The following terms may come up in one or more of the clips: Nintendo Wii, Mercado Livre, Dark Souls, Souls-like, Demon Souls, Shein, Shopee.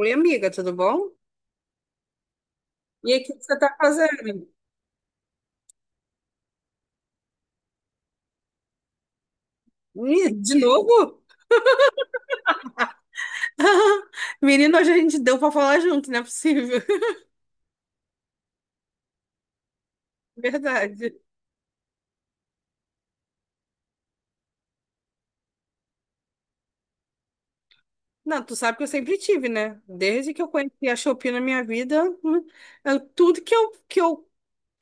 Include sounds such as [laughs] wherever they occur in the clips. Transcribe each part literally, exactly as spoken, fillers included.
Oi, amiga, tudo bom? E aí, o que que você tá fazendo? Ih, de novo? [laughs] Menino, hoje a gente deu pra falar junto, não é possível. [laughs] Verdade. Não, tu sabe que eu sempre tive, né? Desde que eu conheci a Shopee na minha vida, hum, eu- tudo que eu, que eu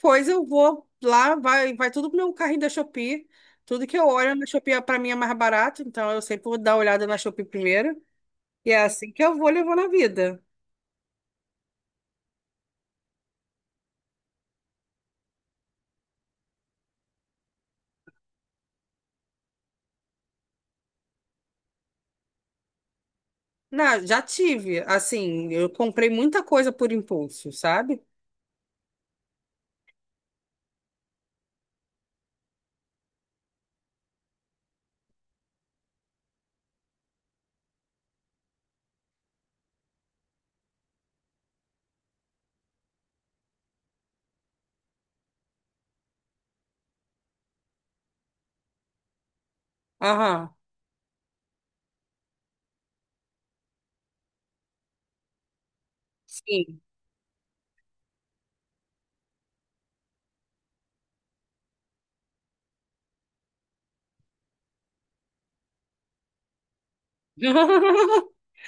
coisa, eu vou lá, vai, vai tudo pro meu carrinho da Shopee. Tudo que eu olho na Shopee, é, pra mim, é mais barato, então eu sempre vou dar uma olhada na Shopee primeiro. E é assim que eu vou levando a vida. Não, já tive, assim, eu comprei muita coisa por impulso, sabe? Aham, sim. [laughs]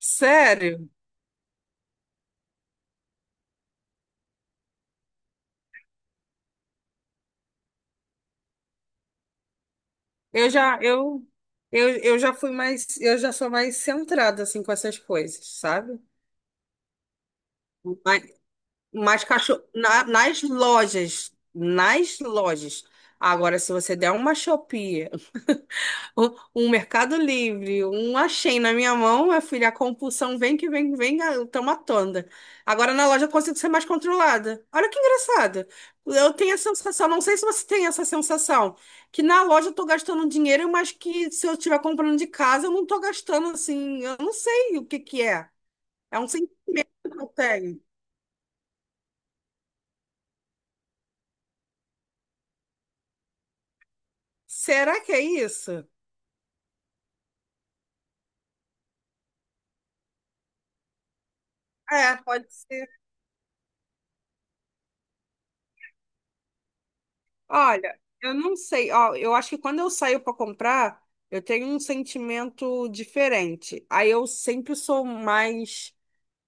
Sério, eu já, eu, eu, eu já fui mais, eu já sou mais centrada, assim, com essas coisas, sabe? Mas, mas cachorro, na- nas lojas, nas lojas. Agora, se você der uma Shopee Um, um Mercado Livre, um Shein na minha mão, minha filha, a compulsão vem que vem, vem, ah, eu tô matando. Agora na loja eu consigo ser mais controlada. Olha que engraçado. Eu tenho a sensação, não sei se você tem essa sensação, que na loja eu tô gastando dinheiro, mas que se eu estiver comprando de casa, eu não tô gastando assim, eu não sei o que que é. É um sentido que eu tenho. Será que é isso? É, pode ser. Olha, eu não sei, ó, eu acho que quando eu saio para comprar, eu tenho um sentimento diferente. Aí eu sempre sou mais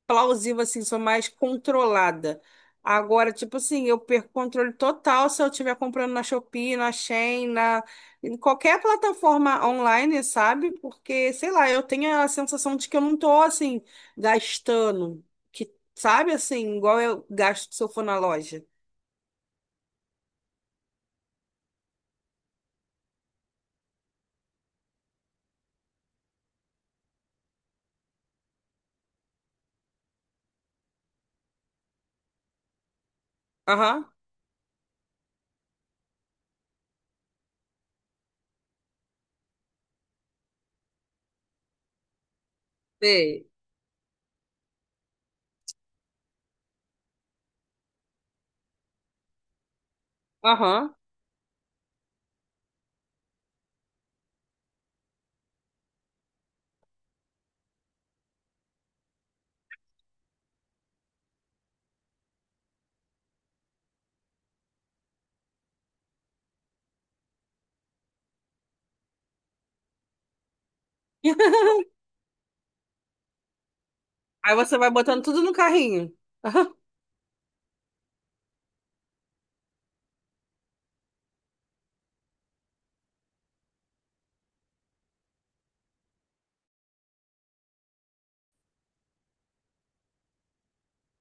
plausível, assim, sou mais controlada. Agora, tipo assim, eu perco o controle total se eu estiver comprando na Shopee, na Shein, na em qualquer plataforma online, sabe? Porque, sei lá, eu tenho a sensação de que eu não tô assim gastando, que sabe assim, igual eu gasto se eu for na loja. Aham. Sei. Aham. Aí você vai botando tudo no carrinho. [laughs]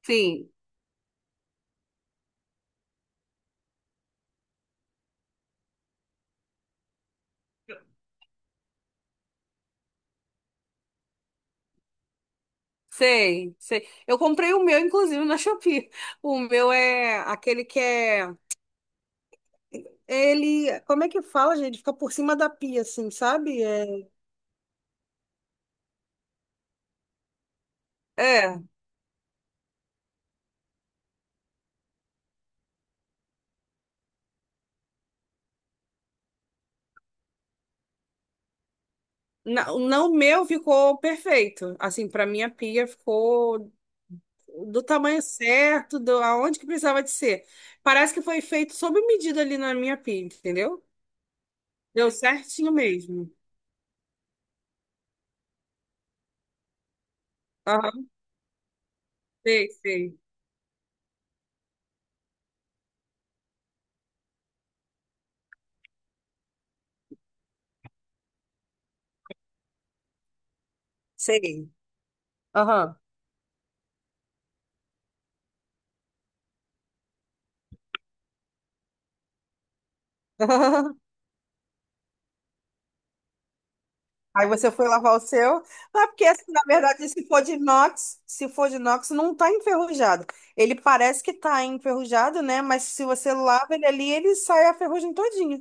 Sim, sei, sei. Eu comprei o meu, inclusive, na Shopee. O meu é aquele que é. Ele. Como é que fala, gente? Fica por cima da pia, assim, sabe? É. É, não, não, o meu ficou perfeito. Assim, para mim a pia ficou do tamanho certo, do aonde que precisava de ser. Parece que foi feito sob medida ali na minha pia, entendeu? Deu certinho mesmo. Aham, sei, sei. Sei. Aham. [laughs] Aí você foi lavar o seu. Não, é porque assim, na verdade, se for de inox, se for de inox, não está enferrujado. Ele parece que está enferrujado, né? Mas se você lava ele ali, ele sai a ferrugem todinha.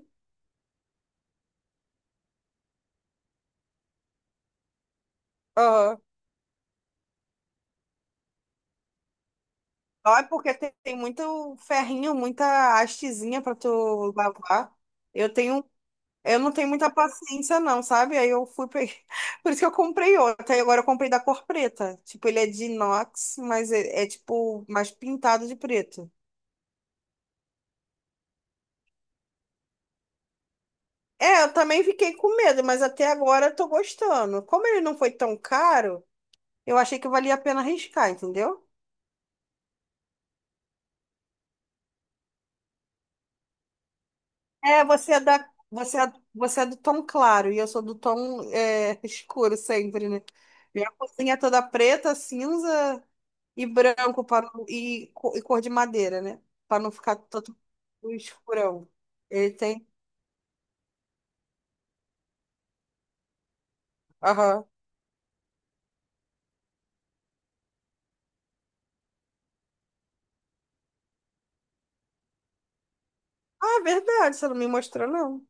Aham. Ó, é porque tem, tem muito ferrinho, muita hastezinha para tu lavar. Eu tenho, eu não tenho muita paciência, não, sabe? Aí eu fui peguei. [laughs] Por isso que eu comprei outro. Aí agora eu comprei da cor preta. Tipo, ele é de inox, mas é é, tipo mais pintado de preto. É, eu também fiquei com medo, mas até agora eu tô gostando. Como ele não foi tão caro, eu achei que valia a pena arriscar, entendeu? É, você é da, você é, você é do tom claro e eu sou do tom é, [laughs] escuro sempre, né? Minha cozinha é toda preta, cinza e branco para, não- e, co- e cor de madeira, né? Para não ficar todo escurão. Ele tem. Aham. Ah, é verdade, você não me mostrou, não.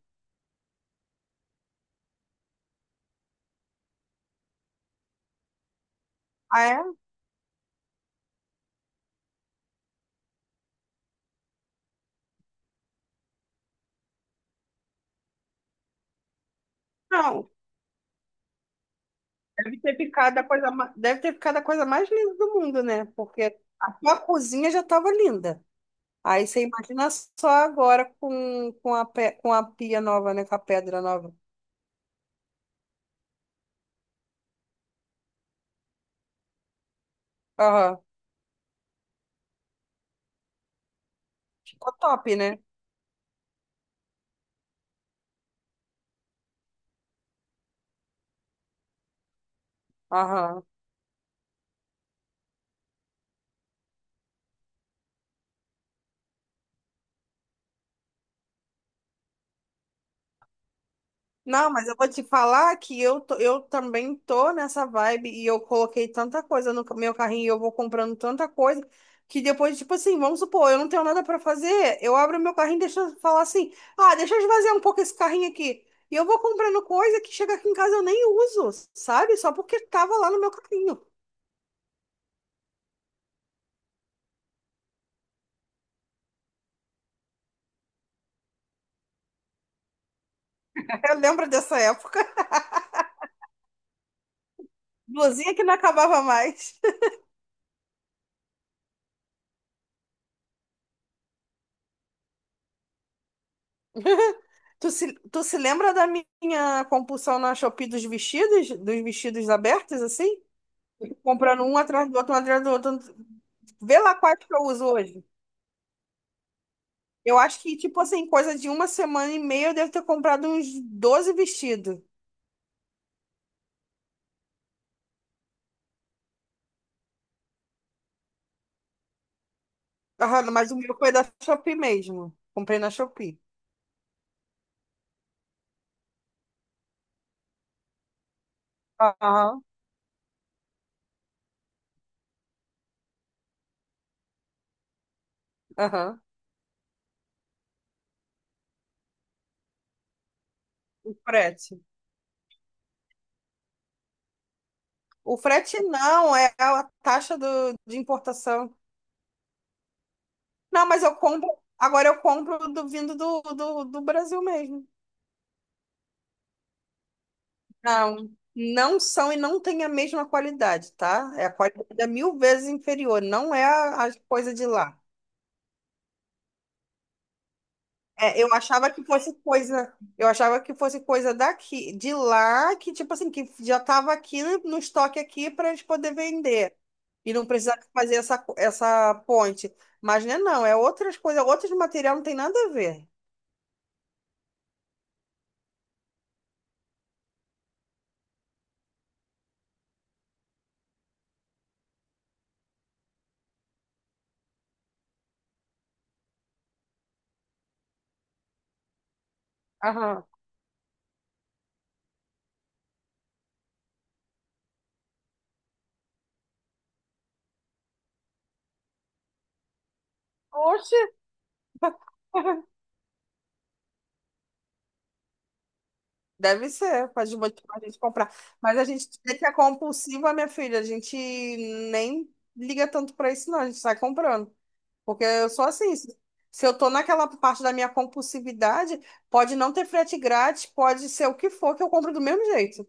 Ah, é? Não. Deve ter ficado a coisa, ma- deve ter ficado a coisa mais linda do mundo, né? Porque a tua cozinha já estava linda. Aí você imagina só agora com, com a, pe- com a pia nova, né? Com a pedra nova. Aham. Ficou top, né? Aham. Não, mas eu vou te falar que eu, tô- eu também tô nessa vibe e eu coloquei tanta coisa no meu carrinho e eu vou comprando tanta coisa que depois, tipo assim, vamos supor, eu não tenho nada pra fazer, eu abro meu carrinho e deixo eu falar assim, ah, deixa eu esvaziar um pouco esse carrinho aqui. E eu vou comprando coisa que chega aqui em casa eu nem uso, sabe? Só porque tava lá no meu carrinho. [laughs] Eu lembro dessa época. Blusinha que não acabava mais. [laughs] Tu se, tu se lembra da minha compulsão na Shopee dos vestidos, dos vestidos abertos, assim? Comprando um atrás do outro, um atrás do outro. Vê lá quais que eu uso hoje. Eu acho que, tipo assim, coisa de uma semana e meia eu devo ter comprado uns doze vestidos. Aham, mas o meu foi da Shopee mesmo. Comprei na Shopee. Aham, aham. O frete. O frete não, é a taxa do, de importação. Não, mas eu compro. Agora eu compro do vindo do, do, do Brasil mesmo. Não, não são e não têm a mesma qualidade, tá? É a qualidade é mil vezes inferior, não é a, a coisa de lá. É, eu achava que fosse coisa, eu achava que fosse coisa daqui, de lá, que tipo assim, que já estava aqui no estoque aqui para eles poder vender e não precisar fazer essa, co- essa ponte. Mas né, não, é outras coisas, outros material não tem nada a ver. Aham. Oxe. [laughs] Deve ser, pode motivar a gente a comprar. Mas a gente vê que é compulsiva, minha filha. A gente nem liga tanto pra isso, não. A gente sai comprando. Porque eu sou assim. Se se eu tô naquela parte da minha compulsividade, pode não ter frete grátis, pode ser o que for, que eu compro do mesmo jeito.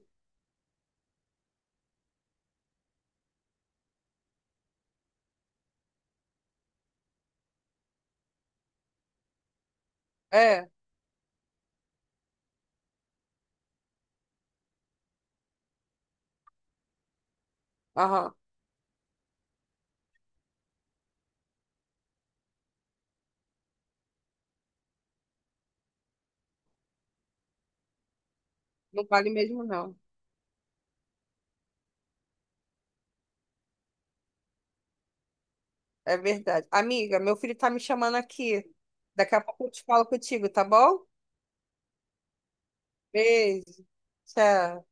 É, aham. Não vale mesmo, não. É verdade. Amiga, meu filho tá me chamando aqui. Daqui a pouco eu te falo contigo, tá bom? Beijo. Tchau.